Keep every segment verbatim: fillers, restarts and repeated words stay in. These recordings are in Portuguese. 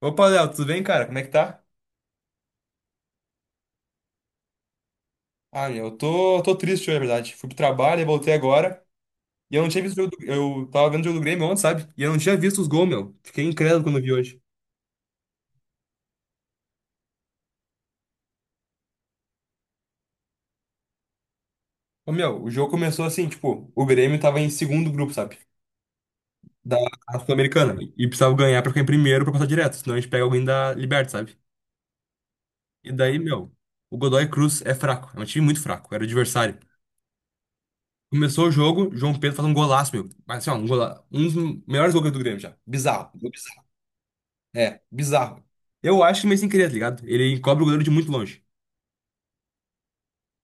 Opa, Léo, tudo bem, cara? Como é que tá? Ah, meu, eu tô, tô triste, na verdade. Fui pro trabalho e voltei agora. E eu não tinha visto o jogo do. Eu tava vendo o jogo do Grêmio ontem, sabe? E eu não tinha visto os gols, meu. Fiquei incrédulo quando vi hoje. Ô, meu, o jogo começou assim, tipo, o Grêmio tava em segundo grupo, sabe? Da Sul-Americana. E precisava ganhar pra ficar em primeiro pra passar direto. Senão a gente pega alguém da Liberta, sabe? E daí, meu, o Godoy Cruz é fraco. É um time muito fraco. Era o adversário. Começou o jogo, João Pedro faz um golaço, meu. Mas assim, ó, um, gola... um dos melhores gols do Grêmio já. Bizarro. É, bizarro. Eu acho que mas sem querer, tá ligado? Ele encobre o goleiro de muito longe.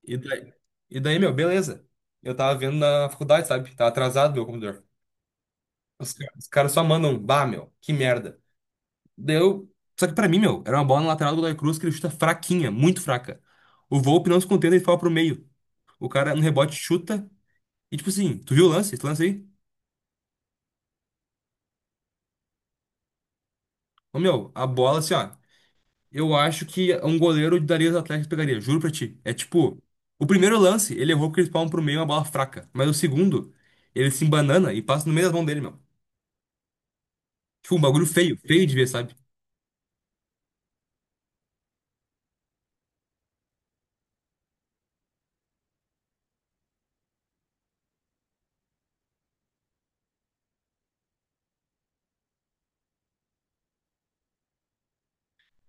E daí, e daí, meu, beleza. Eu tava vendo na faculdade, sabe? Tá atrasado meu computador. Os, ca- os caras só mandam, bah, meu, que merda. Deu. Só que pra mim, meu, era uma bola na lateral do Godoy Cruz que ele chuta fraquinha, muito fraca. O Volpi não se contenta, ele fala pro meio. O cara no rebote chuta. E tipo assim, tu viu o lance? Esse lance aí? Ô, meu, a bola assim, ó. Eu acho que um goleiro daria os Atléticos pegaria, juro pra ti. É tipo, o primeiro lance, ele errou porque eles palmam pro meio uma bola fraca. Mas o segundo, ele se embanana e passa no meio das mãos dele, meu. Tipo, um bagulho feio, feio de ver, sabe?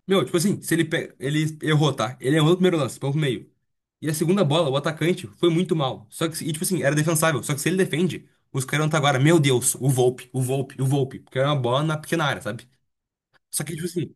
Meu, tipo assim, se ele pega, ele errou, tá? Ele errou no primeiro lance, põe pro meio. E a segunda bola, o atacante, foi muito mal. Só que, e tipo assim, era defensável. Só que se ele defende, os caras não tá agora, meu Deus, o Volpe, o Volpe, o Volpe. Porque era uma bola na pequena área, sabe? Só que, tipo assim,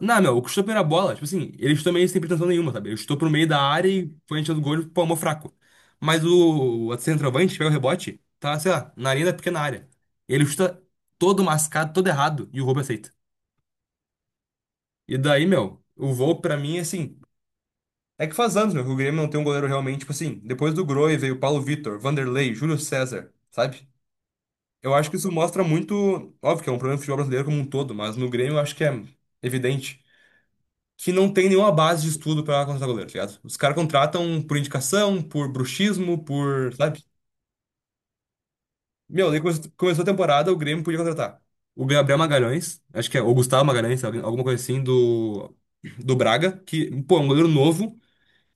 não, meu, o que chutou a primeira bola, tipo assim, ele chutou meio sem pretensão nenhuma, sabe? Ele chutou pro meio da área e foi enchendo o gol e palmou fraco. Mas o, o outro centroavante, pega o rebote, tá, sei lá, na linha da pequena área. Ele chuta todo mascado, todo errado, e o Volpe aceita. E daí, meu, o Volpe pra mim, assim, é que faz anos, meu, que o Grêmio não tem um goleiro realmente, tipo assim, depois do Grohe veio o Paulo Vitor, Vanderlei, Júlio César, sabe? Eu acho que isso mostra muito, óbvio que é um problema do futebol brasileiro como um todo, mas no Grêmio eu acho que é evidente. Que não tem nenhuma base de estudo pra contratar goleiro, tá ligado? Os caras contratam por indicação, por bruxismo, por, sabe? Meu, daí come- começou a temporada, o Grêmio podia contratar. O Gabriel Magalhães, acho que é, ou Gustavo Magalhães, sabe? Alguma coisa assim, do, do Braga, que, pô, é um goleiro novo,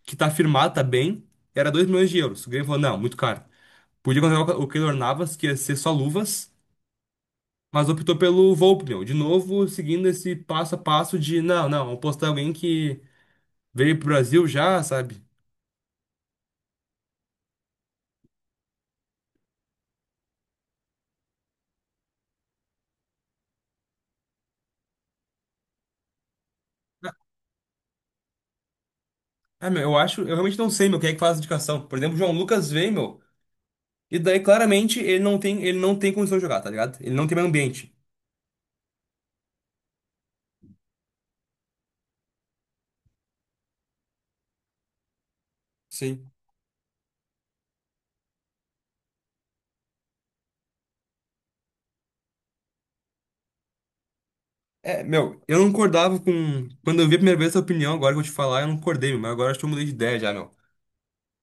que tá firmado, tá bem, era dois milhões de euros. O Grêmio falou, não, muito caro. Podia contratar o o Keylor Navas, que ia ser só luvas, mas optou pelo Volpe, meu. De novo, seguindo esse passo a passo de, não, não, apostar em alguém que veio pro Brasil já, sabe? Ah, meu, eu acho, eu realmente não sei, meu, quem é que faz a indicação. Por exemplo, o João Lucas veio, meu, e daí claramente ele não tem, ele não tem condição de jogar, tá ligado? Ele não tem mais ambiente. Sim. É, meu, eu não concordava com. Quando eu vi a primeira vez essa opinião, agora que eu vou te falar, eu não concordei, meu, mas agora acho que eu mudei de ideia já, meu.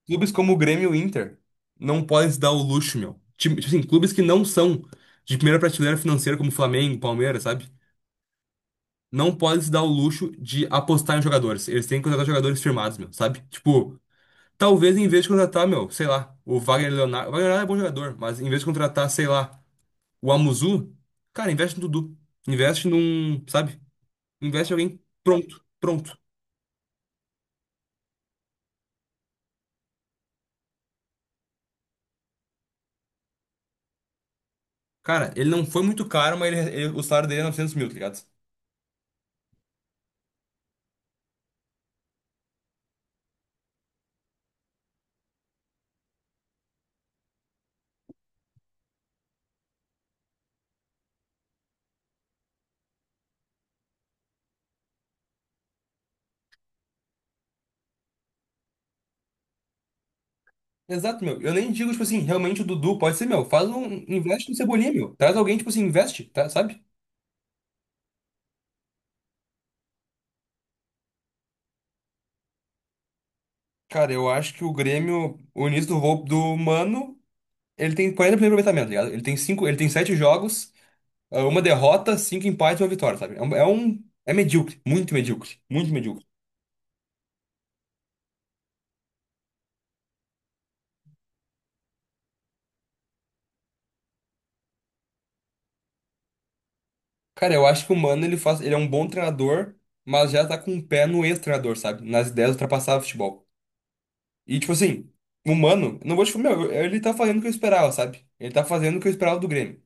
Clubes como o Grêmio e o Inter não podem se dar o luxo, meu. Time- Tipo assim, clubes que não são de primeira prateleira financeira, como Flamengo, Palmeiras, sabe? Não podem se dar o luxo de apostar em jogadores. Eles têm que contratar jogadores firmados, meu, sabe? Tipo. Talvez em vez de contratar, meu, sei lá, o Wagner Leonardo. O Wagner Leonardo é bom jogador, mas em vez de contratar, sei lá, o Amuzu, cara, investe no Dudu. Investe num, sabe? Investe em alguém pronto, pronto. Cara, ele não foi muito caro, mas ele- ele- o salário dele é novecentos mil, tá ligado? Exato, meu. Eu nem digo, tipo assim, realmente o Dudu pode ser, meu. Faz um. Investe no Cebolinha, meu. Traz alguém, tipo assim, investe, tá, sabe? Cara, eu acho que o Grêmio, o início do, roubo do Mano, ele tem quarenta por cento de aproveitamento, tá ligado? Ele tem cinco, ele tem sete jogos. Ah, uma derrota, cinco empates e uma vitória, sabe? É um, é um- é medíocre, muito medíocre, muito medíocre. Cara, eu acho que o Mano, ele faz, ele é um bom treinador, mas já tá com o pé no ex-treinador, sabe? Nas ideias de ultrapassar o futebol. E, tipo assim, o Mano, não vou te falar, meu, ele tá fazendo o que eu esperava, sabe? Ele tá fazendo o que eu esperava do Grêmio.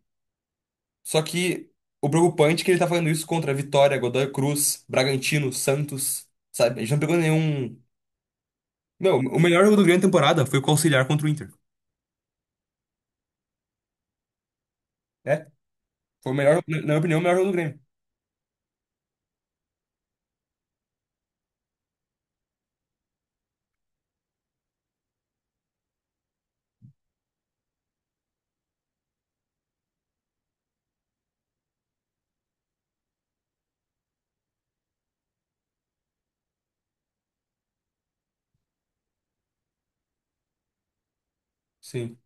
Só que o preocupante é que ele tá fazendo isso contra Vitória, Godoy Cruz, Bragantino, Santos, sabe? A gente não pegou nenhum... Meu, o melhor jogo do Grêmio na temporada foi o auxiliar contra o Inter. É, foi o melhor, na na minha opinião, o melhor jogo do Grêmio. Sim.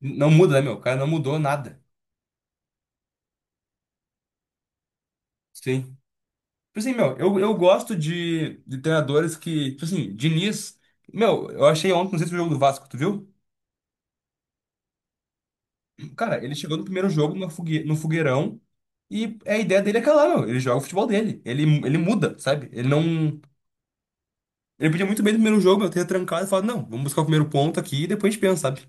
Não muda, né, meu? O cara não mudou nada. Sim. Tipo assim, meu, eu, eu gosto de, de treinadores que. Tipo assim, Diniz. Meu, eu achei ontem, não sei se foi o jogo do Vasco, tu viu? Cara, ele chegou no primeiro jogo no, fogue, no fogueirão e a ideia dele é aquela, meu. Ele joga o futebol dele. Ele, ele muda, sabe? Ele não. Ele podia muito bem no primeiro jogo, eu ter trancado e falado, não, vamos buscar o primeiro ponto aqui e depois a gente pensa, sabe?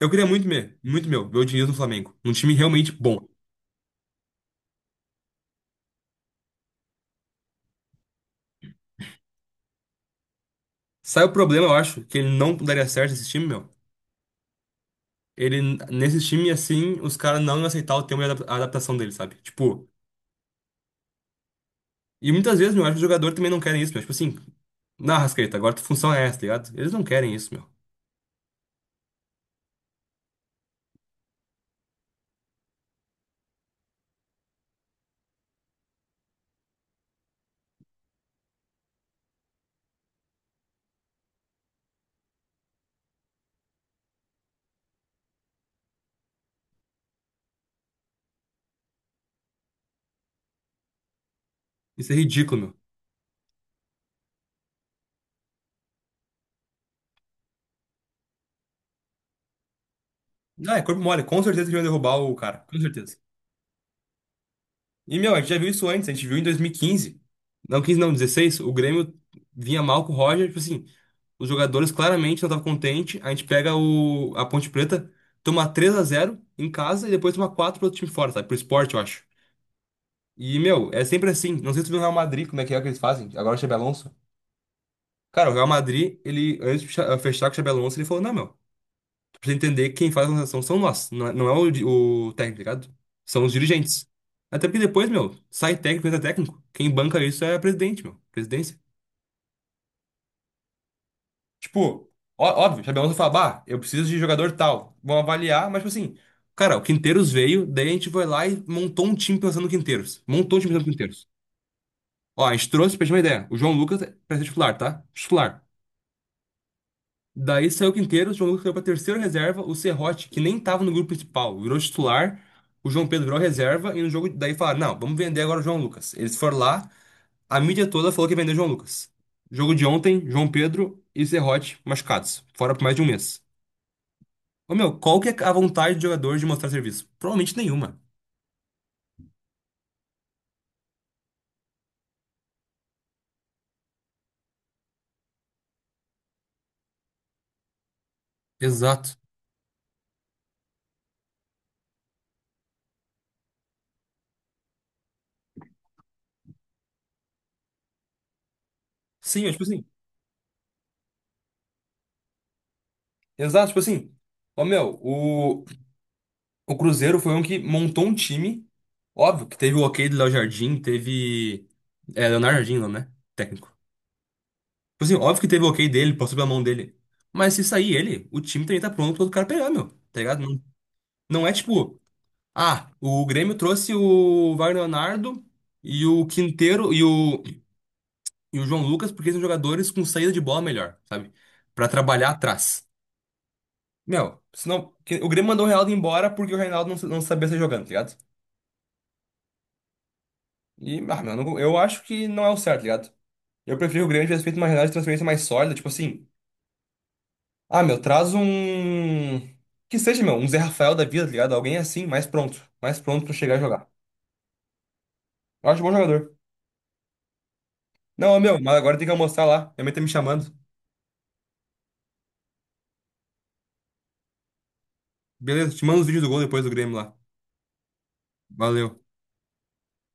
Eu queria muito, meu, muito, meu, ver o Diniz no Flamengo. Um time realmente bom. Sabe o problema, eu acho, que ele não daria certo esse time, meu? Ele, nesse time assim, os caras não iam aceitar o tempo de adap- a adaptação dele, sabe? Tipo, e muitas vezes, meu, acho que os jogadores também não querem isso, meu. Tipo assim, na Rascaeta, agora tua função é essa, tá ligado? Eles não querem isso, meu. Isso é ridículo, meu. Não, é corpo mole, com certeza que iam derrubar o cara, com certeza. E, meu, a gente já viu isso antes, a gente viu em dois mil e quinze. Não, quinze não, dezesseis, o Grêmio vinha mal com o Roger, tipo assim, os jogadores claramente não estavam contentes, a gente pega o, a Ponte Preta, toma três a zero em casa e depois toma quatro pro outro time fora, sabe? Pro Sport, eu acho. E, meu, é sempre assim. Não sei se tu viu o Real Madrid, como é que é que eles fazem. Agora o Xabi Alonso. Cara, o Real Madrid, ele, antes de cha- fechar com o Xabi Alonso, ele falou: não, meu, tu precisa entender que quem faz a transação são nós. Não é, não é o, di- o técnico, tá ligado? São os dirigentes. Até porque depois, meu, sai técnico, entra técnico. Quem banca isso é presidente, meu. Presidência. Tipo, ó- óbvio, o Xabi Alonso fala: bah, eu preciso de jogador tal. Vão avaliar, mas, tipo assim, cara, o Quinteiros veio, daí a gente foi lá e montou um time pensando no Quinteiros. Montou um time pensando no Quinteiros. Ó, a gente trouxe, pra gente ter uma ideia, o João Lucas é pra ser titular, tá? Titular. Daí saiu o Quinteiro, o João Lucas saiu pra terceira reserva, o Serrote, que nem tava no grupo principal, virou titular, o João Pedro virou reserva, e no jogo daí falaram, não, vamos vender agora o João Lucas. Eles foram lá, a mídia toda falou que vendeu o João Lucas. Jogo de ontem, João Pedro e Serrote machucados, fora por mais de um mês. Ô meu, qual que é a vontade do jogador de mostrar serviço? Provavelmente nenhuma. Exato. Sim, eu, tipo assim, exato, tipo assim, ô meu, o, o Cruzeiro foi um que montou um time. Óbvio que teve o ok do Léo Jardim, teve. É, Leonardo Jardim, não, né? Técnico. Tipo assim, óbvio que teve o ok dele, passou pela mão dele. Mas se sair ele, o time também tá pronto pro outro cara pegar, meu. Tá ligado? Não, não é tipo, ah, o Grêmio trouxe o Wagner Leonardo e o Quinteiro e o, e o João Lucas porque são jogadores com saída de bola melhor, sabe? Pra trabalhar atrás. Meu, senão. que- O Grêmio mandou o Reinaldo embora porque o Reinaldo não, sa- não sabia sair jogando, tá ligado? E, ah, meu, eu não- eu acho que não é o certo, tá ligado? Eu prefiro o Grêmio tivesse feito uma janela de transferência mais sólida, tipo assim. Ah, meu, traz um. Que seja, meu, um Zé Rafael da vida, tá ligado? Alguém assim, mais pronto. Mais pronto pra chegar e jogar. Eu acho bom jogador. Não, meu, mas agora tem que almoçar lá. Minha mãe tá me chamando. Beleza, te mando os vídeos do gol depois do Grêmio lá. Valeu.